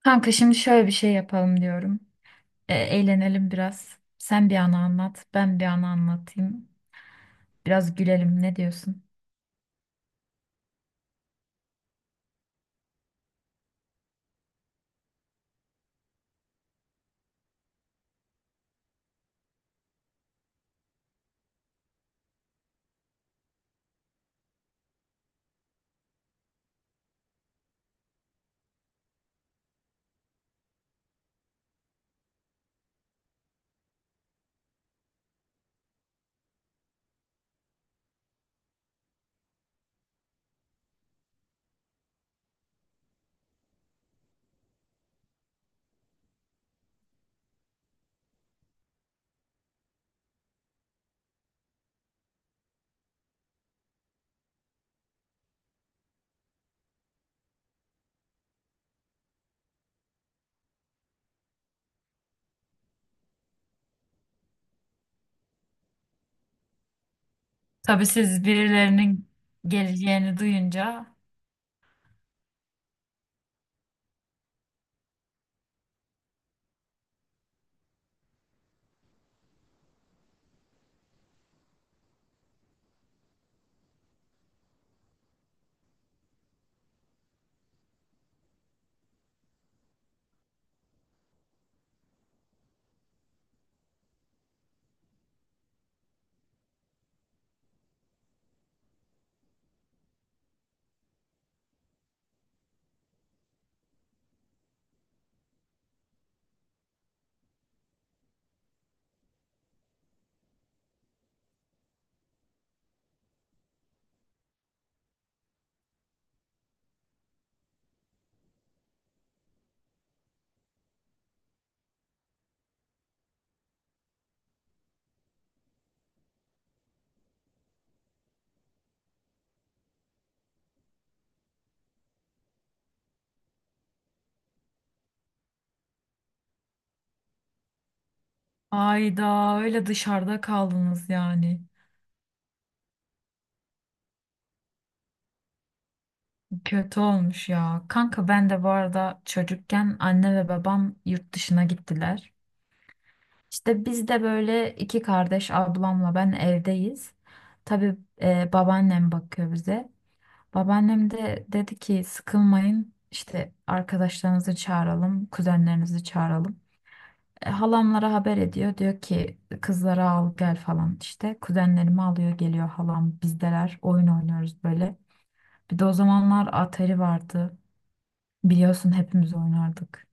Kanka şimdi şöyle bir şey yapalım diyorum. Eğlenelim biraz. Sen bir anı anlat, ben bir anı anlatayım. Biraz gülelim. Ne diyorsun? Tabii siz birilerinin geleceğini duyunca Ayda öyle dışarıda kaldınız yani. Kötü olmuş ya. Kanka ben de bu arada çocukken anne ve babam yurt dışına gittiler. İşte biz de böyle iki kardeş ablamla ben evdeyiz. Tabii babaannem bakıyor bize. Babaannem de dedi ki sıkılmayın işte arkadaşlarınızı çağıralım, kuzenlerinizi çağıralım. Halamlara haber ediyor. Diyor ki kızları al gel falan işte. Kuzenlerimi alıyor geliyor halam bizdeler oyun oynuyoruz böyle. Bir de o zamanlar Atari vardı. Biliyorsun hepimiz oynardık.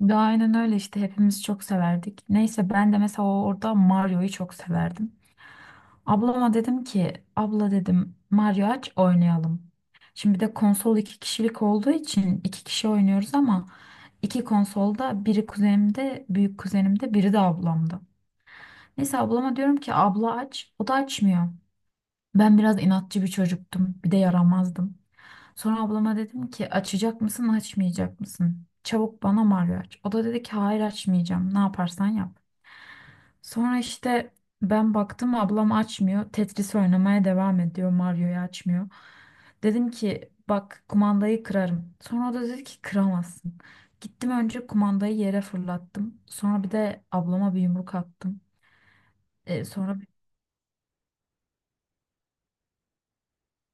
De aynen öyle işte hepimiz çok severdik. Neyse ben de mesela orada Mario'yu çok severdim. Ablama dedim ki abla dedim Mario aç oynayalım. Şimdi bir de konsol iki kişilik olduğu için iki kişi oynuyoruz ama iki konsolda biri kuzenimde büyük kuzenimde biri de ablamda. Neyse ablama diyorum ki abla aç o da açmıyor. Ben biraz inatçı bir çocuktum bir de yaramazdım. Sonra ablama dedim ki açacak mısın açmayacak mısın? Çabuk bana Mario aç. O da dedi ki hayır açmayacağım ne yaparsan yap. Sonra işte ben baktım ablam açmıyor. Tetris oynamaya devam ediyor. Mario'yu açmıyor. Dedim ki bak kumandayı kırarım. Sonra o da dedi ki kıramazsın. Gittim önce kumandayı yere fırlattım. Sonra bir de ablama bir yumruk attım. Sonra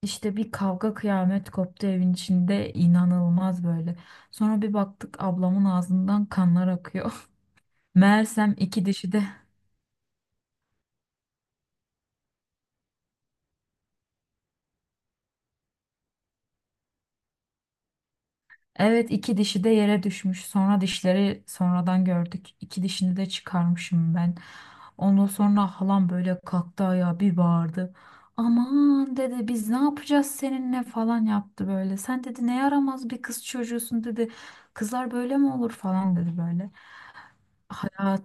işte bir kavga kıyamet koptu evin içinde inanılmaz böyle. Sonra bir baktık ablamın ağzından kanlar akıyor. Meğersem iki dişi de Evet iki dişi de yere düşmüş. Sonra dişleri sonradan gördük. İki dişini de çıkarmışım ben. Ondan sonra halam böyle kalktı ayağa bir bağırdı. Aman dedi biz ne yapacağız seninle falan yaptı böyle. Sen dedi ne yaramaz bir kız çocuğusun dedi. Kızlar böyle mi olur falan dedi böyle. Hayat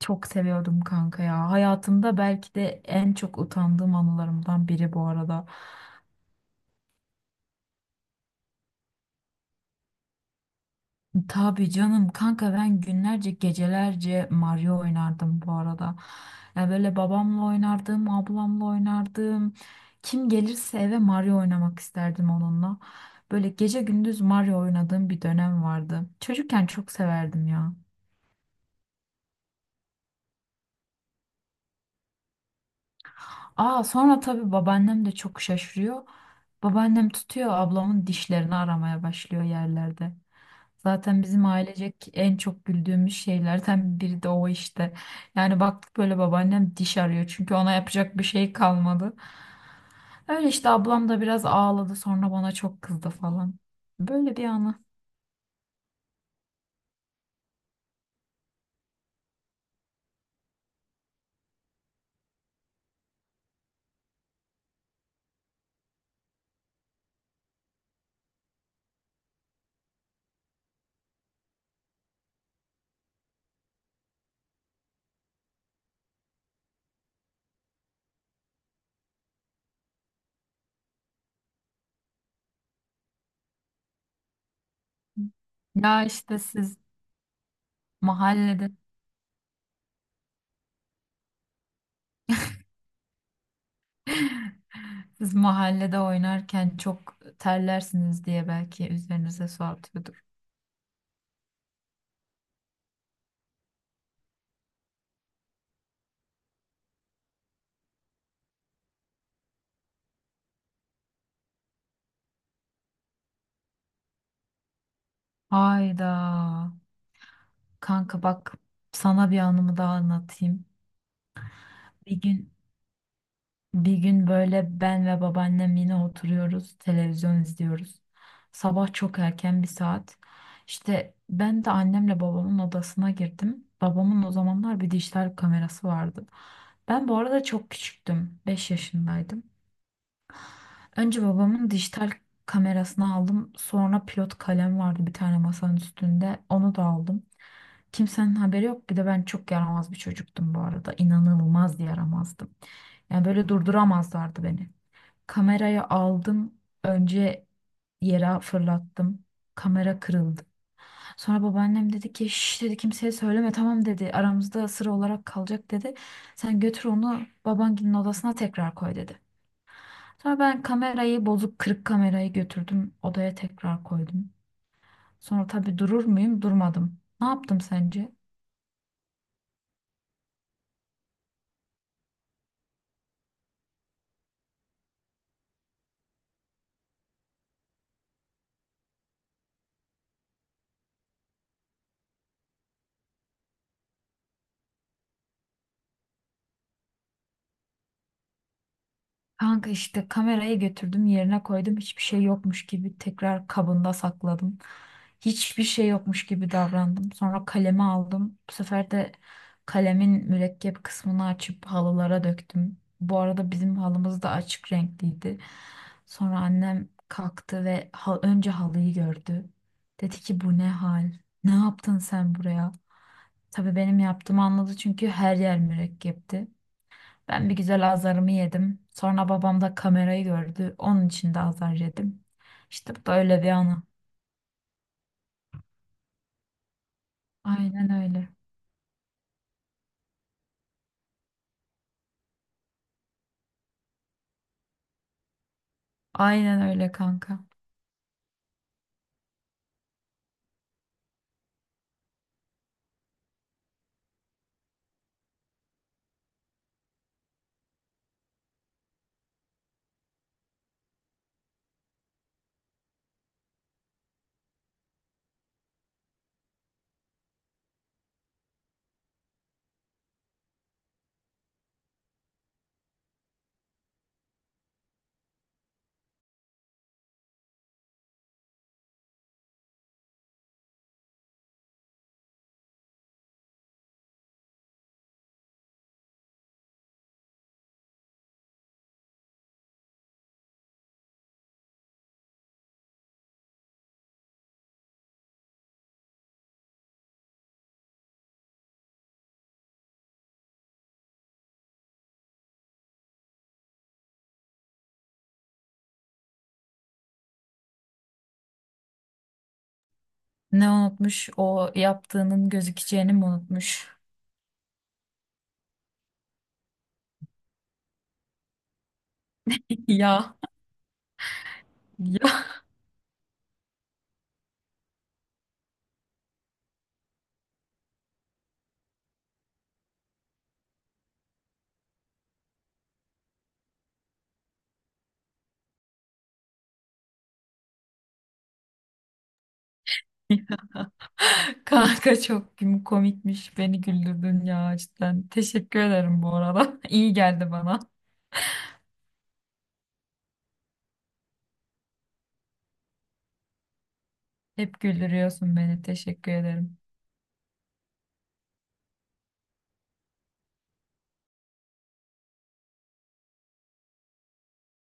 çok seviyordum kanka ya. Hayatımda belki de en çok utandığım anılarımdan biri bu arada. Tabii canım kanka ben günlerce gecelerce Mario oynardım bu arada. Ya böyle babamla oynardım, ablamla oynardım. Kim gelirse eve Mario oynamak isterdim onunla. Böyle gece gündüz Mario oynadığım bir dönem vardı. Çocukken çok severdim ya. Aa sonra tabii babaannem de çok şaşırıyor. Babaannem tutuyor ablamın dişlerini aramaya başlıyor yerlerde. Zaten bizim ailecek en çok güldüğümüz şeylerden biri de o işte. Yani baktık böyle babaannem diş arıyor çünkü ona yapacak bir şey kalmadı. Öyle işte ablam da biraz ağladı sonra bana çok kızdı falan. Böyle bir anı. Ya işte siz mahallede siz mahallede oynarken çok terlersiniz diye belki üzerinize su atıyordur. Hayda. Kanka bak sana bir anımı daha anlatayım. Bir gün Bir gün böyle ben ve babaannem yine oturuyoruz, televizyon izliyoruz. Sabah çok erken bir saat. İşte ben de annemle babamın odasına girdim. Babamın o zamanlar bir dijital kamerası vardı. Ben bu arada çok küçüktüm, 5 yaşındaydım. Önce babamın dijital kamerasını aldım. Sonra pilot kalem vardı bir tane masanın üstünde. Onu da aldım. Kimsenin haberi yok. Bir de ben çok yaramaz bir çocuktum bu arada. İnanılmaz yaramazdım. Yani böyle durduramazlardı beni. Kamerayı aldım. Önce yere fırlattım. Kamera kırıldı. Sonra babaannem dedi ki şş dedi kimseye söyleme tamam dedi. Aramızda sır olarak kalacak dedi. Sen götür onu babanginin odasına tekrar koy dedi. Sonra ben kamerayı bozuk kırık kamerayı götürdüm odaya tekrar koydum. Sonra tabii durur muyum? Durmadım. Ne yaptım sence? Kanka işte kamerayı götürdüm yerine koydum hiçbir şey yokmuş gibi tekrar kabında sakladım. Hiçbir şey yokmuş gibi davrandım. Sonra kalemi aldım. Bu sefer de kalemin mürekkep kısmını açıp halılara döktüm. Bu arada bizim halımız da açık renkliydi. Sonra annem kalktı ve önce halıyı gördü. Dedi ki bu ne hal? Ne yaptın sen buraya? Tabii benim yaptığımı anladı çünkü her yer mürekkepti. Ben bir güzel azarımı yedim. Sonra babam da kamerayı gördü. Onun için de azar yedim. İşte bu da öyle bir anı. Aynen öyle. Aynen öyle kanka. Ne unutmuş? O yaptığının gözükeceğini mi unutmuş? Ya. Ya kanka çok komikmiş. Beni güldürdün ya cidden. Teşekkür ederim bu arada. İyi geldi bana. Hep güldürüyorsun beni. Teşekkür ederim.